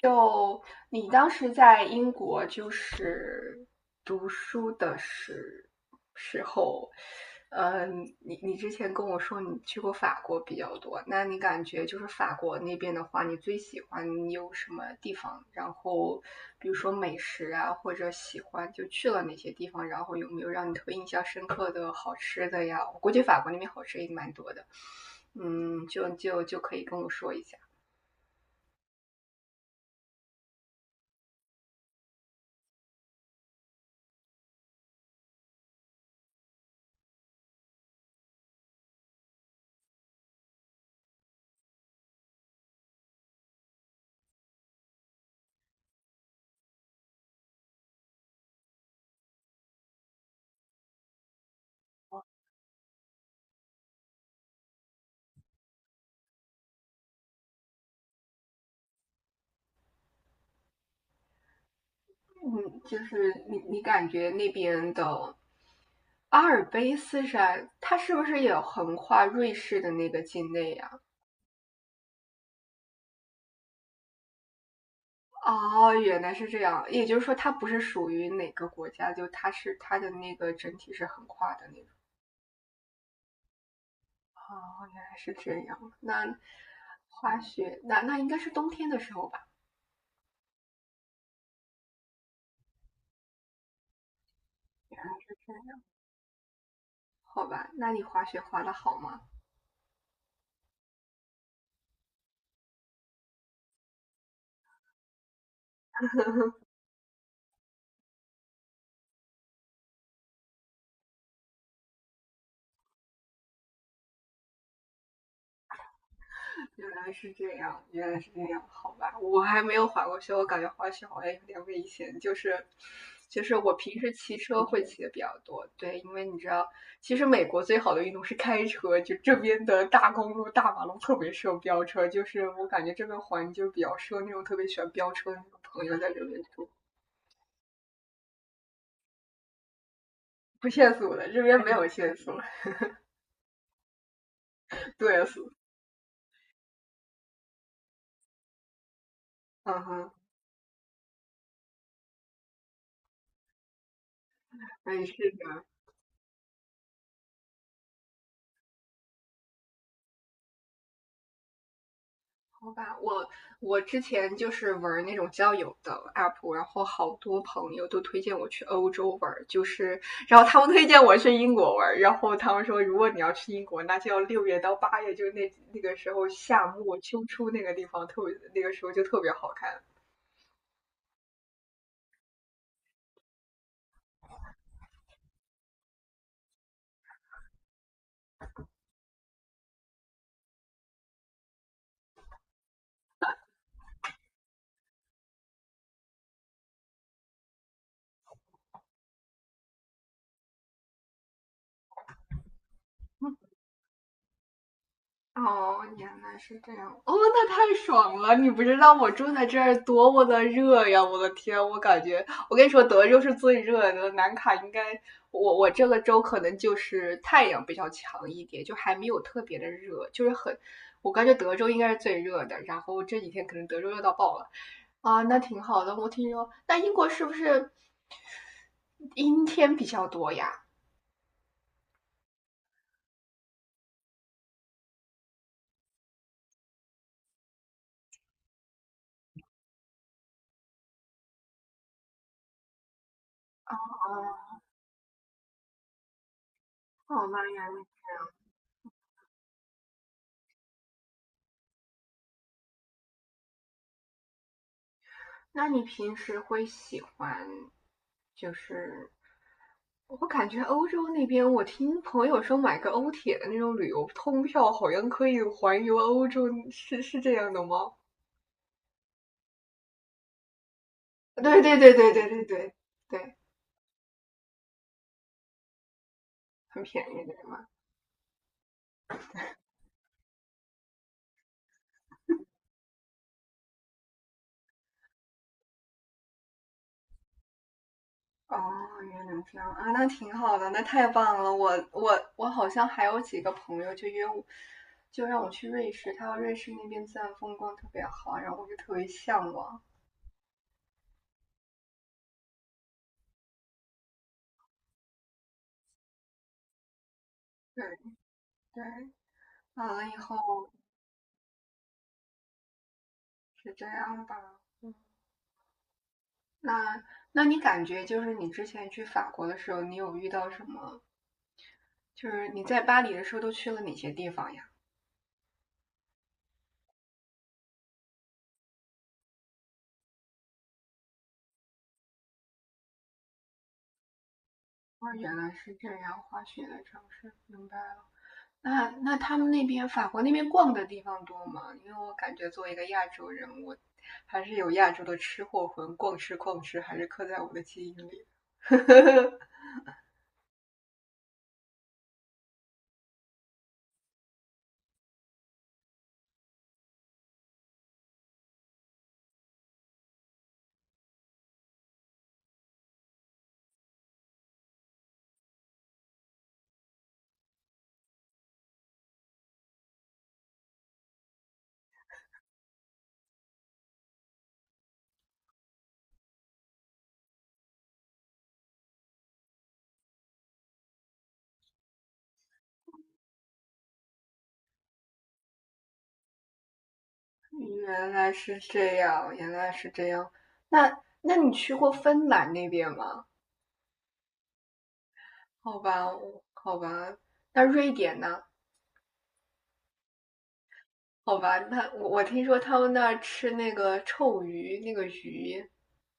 就你当时在英国就是读书的时候，你之前跟我说你去过法国比较多，那你感觉就是法国那边的话，你最喜欢你有什么地方？然后比如说美食啊，或者喜欢就去了哪些地方？然后有没有让你特别印象深刻的好吃的呀？我估计法国那边好吃也蛮多的，就可以跟我说一下。嗯，就是你感觉那边的阿尔卑斯山，它是不是也横跨瑞士的那个境内呀？哦，原来是这样，也就是说它不是属于哪个国家，就它是它的那个整体是横跨的那种。哦，原来是这样。那滑雪，那应该是冬天的时候吧？好吧，那你滑雪滑的好吗？原来是这样，原来是这样，好吧，我还没有滑过雪，我感觉滑雪好像有点危险，就是我平时骑车会骑的比较多，对，因为你知道，其实美国最好的运动是开车，就这边的大公路、大马路特别适合飙车，就是我感觉这边环就比较适合那种特别喜欢飙车的那种朋友在这边住，不限速的，这边没有限速，对，嗯哼，哎，是的，好吧，我之前就是玩那种交友的 app，然后好多朋友都推荐我去欧洲玩，就是然后他们推荐我去英国玩，然后他们说如果你要去英国，那就要6月到8月，就是那个时候夏末秋初那个地方特别，那个时候就特别好看。哦，原来是这样。哦，那太爽了！你不知道我住在这儿多么的热呀！我的天，我感觉，我跟你说，德州是最热的，南卡应该，我这个州可能就是太阳比较强一点，就还没有特别的热，就是很，我感觉德州应该是最热的。然后这几天可能德州热到爆了，啊，那挺好的。我听说，那英国是不是阴天比较多呀？哦，那原来，那你平时会喜欢就是我感觉欧洲那边，我听朋友说买个欧铁的那种旅游通票，好像可以环游欧洲，是这样的吗？对对对对对对对对，很便宜的。哦，原来这样啊，那挺好的，那太棒了。我好像还有几个朋友就约我，就让我去瑞士，他说瑞士那边自然风光特别好，然后我就特别向往。对对，完了以后是这样吧。那那你感觉就是你之前去法国的时候，你有遇到什么？就是你在巴黎的时候都去了哪些地方呀？哦，原来是这样，滑雪的城市，明白了。那他们那边法国那边逛的地方多吗？因为我感觉作为一个亚洲人，我还是有亚洲的吃货魂，逛吃逛吃还是刻在我的基因里。原来是这样，原来是这样。那那你去过芬兰那边吗？好吧，我好吧。那瑞典呢？好吧，那我听说他们那儿吃那个臭鱼，那个鱼，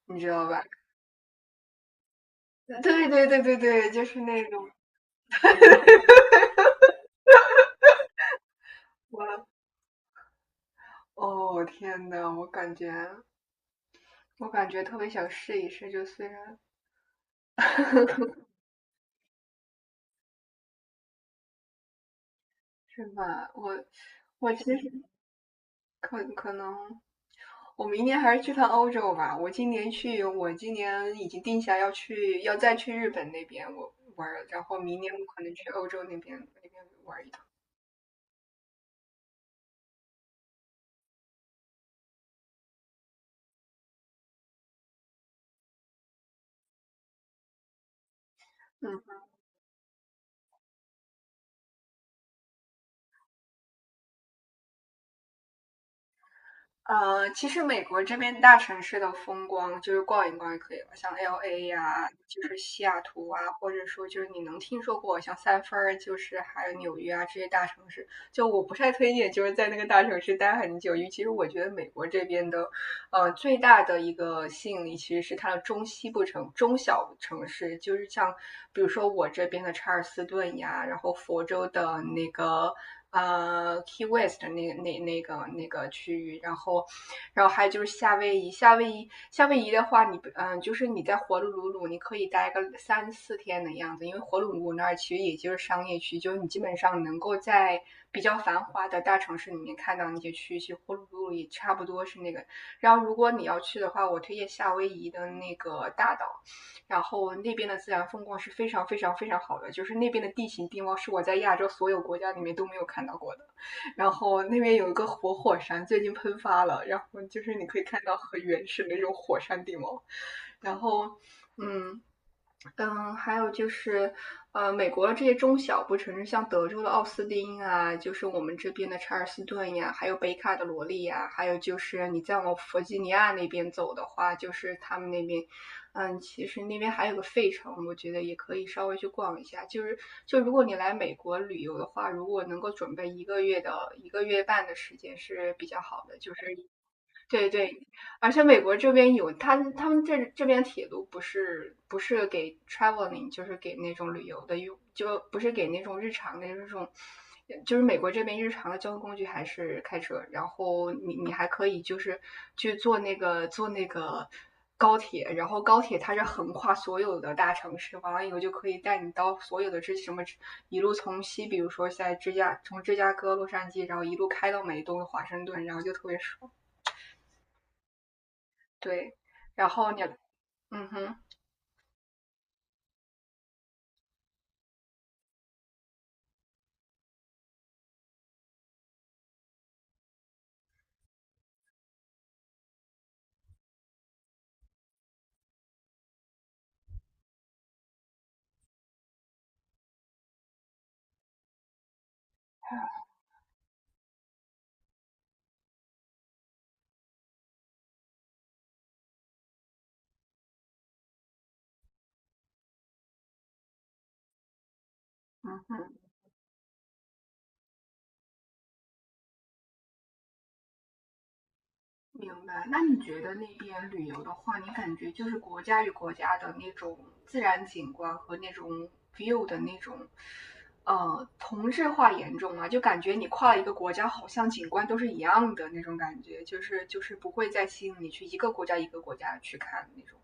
你知道吧？对对对对对，就是那种。我哦天呐，我感觉特别想试一试，就虽然 是吧，我其实可能我明年还是去趟欧洲吧。我今年去，我今年已经定下要去，要再去日本那边我玩儿，然后明年我可能去欧洲那边玩一趟。嗯，其实美国这边大城市的风光就是逛一逛就可以了，像 LA 呀、就是西雅图啊，或者说就是你能听说过像三藩儿，就是还有纽约啊这些大城市。就我不太推荐就是在那个大城市待很久，尤其是我觉得美国这边的最大的一个吸引力其实是它的中西部城、中小城市，就是像比如说我这边的查尔斯顿呀，然后佛州的那个Key West 那个区域，然后还有就是夏威夷，夏威夷的话你就是你在火奴鲁鲁，你可以待个三四天的样子，因为火奴鲁鲁那儿其实也就是商业区，就是你基本上能够在比较繁华的大城市里面看到那些区域，其实火奴鲁鲁也差不多是那个。然后如果你要去的话，我推荐夏威夷的那个大岛，然后那边的自然风光是非常非常非常好的，就是那边的地形地貌是我在亚洲所有国家里面都没有看到过的。然后那边有一个活火山，最近喷发了，然后就是你可以看到很原始的那种火山地貌，然后嗯。还有就是，美国的这些中小不城市，像德州的奥斯汀啊，就是我们这边的查尔斯顿呀，还有北卡的罗利呀，还有就是你再往弗吉尼亚那边走的话，就是他们那边，其实那边还有个费城，我觉得也可以稍微去逛一下。就是，就如果你来美国旅游的话，如果能够准备一个月的一个月半的时间是比较好的，就是对对，而且美国这边有他们这边铁路不是给 traveling，就是给那种旅游的用，就不是给那种日常的这种，就是美国这边日常的交通工具还是开车，然后你还可以就是去坐那个高铁，然后高铁它是横跨所有的大城市，完了以后就可以带你到所有的这什么一路从西，比如说在芝加从芝加哥、洛杉矶，然后一路开到美东的华盛顿，然后就特别爽。对，然后你，嗯哼，嗯哼，明白。那你觉得那边旅游的话，你感觉就是国家与国家的那种自然景观和那种 view 的那种，同质化严重吗？就感觉你跨了一个国家，好像景观都是一样的那种感觉，就是不会再吸引你去一个国家一个国家去看那种。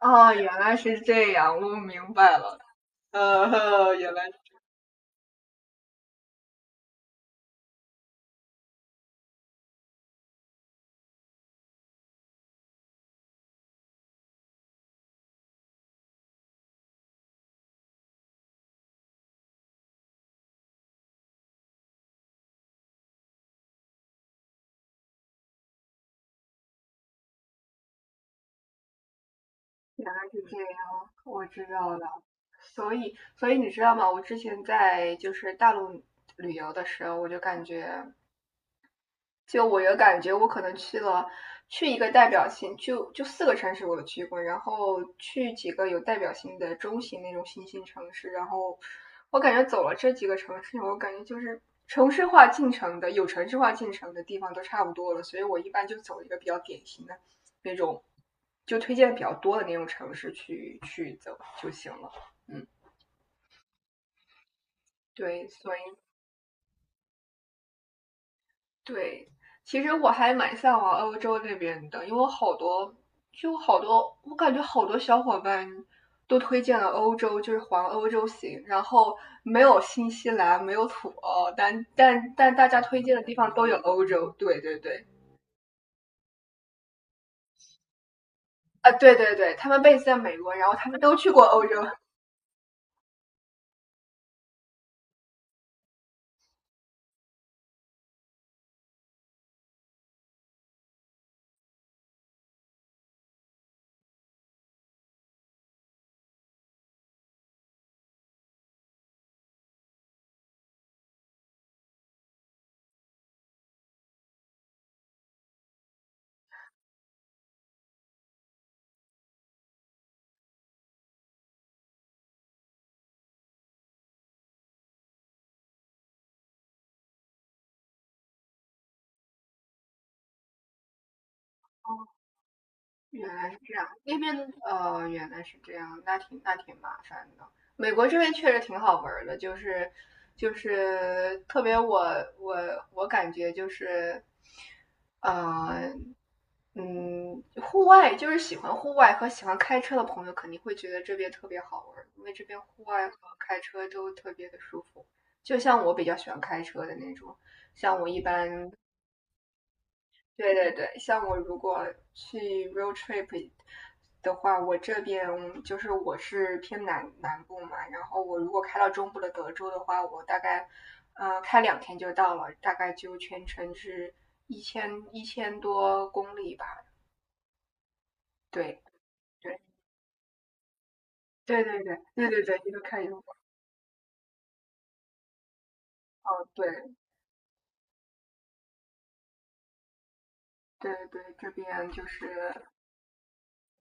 哦，原来是这样，我明白了。原来。原来是这样，我知道了。所以，你知道吗？我之前在就是大陆旅游的时候，我就感觉就我有感觉，我可能去一个代表性，就四个城市我都去过，然后去几个有代表性的中型那种新兴城市，然后我感觉走了这几个城市，我感觉就是城市化进程的有城市化进程的地方都差不多了，所以我一般就走一个比较典型的那种，就推荐比较多的那种城市去走就行了。嗯，对，所以对，其实我还蛮向往欧洲那边的，因为我好多，就好多，我感觉好多小伙伴都推荐了欧洲，就是环欧洲行，然后没有新西兰，没有土澳，但大家推荐的地方都有欧洲。对对对，啊，对对对，他们 b a 在美国，然后他们都去过欧洲。原来是这样，那边原来是这样，那挺麻烦的。美国这边确实挺好玩儿的，就是特别我我感觉就是，呃就是喜欢户外和喜欢开车的朋友肯定会觉得这边特别好玩儿，因为这边户外和开车都特别的舒服。就像我比较喜欢开车的那种，像我一般对对对，像我如果去 road trip 的话，我这边就是我是偏南部嘛，然后我如果开到中部的德州的话，我大概开2天就到了，大概就全程是一千多公里吧。对对对对对对对对，一个开一个放，对对对，这边就是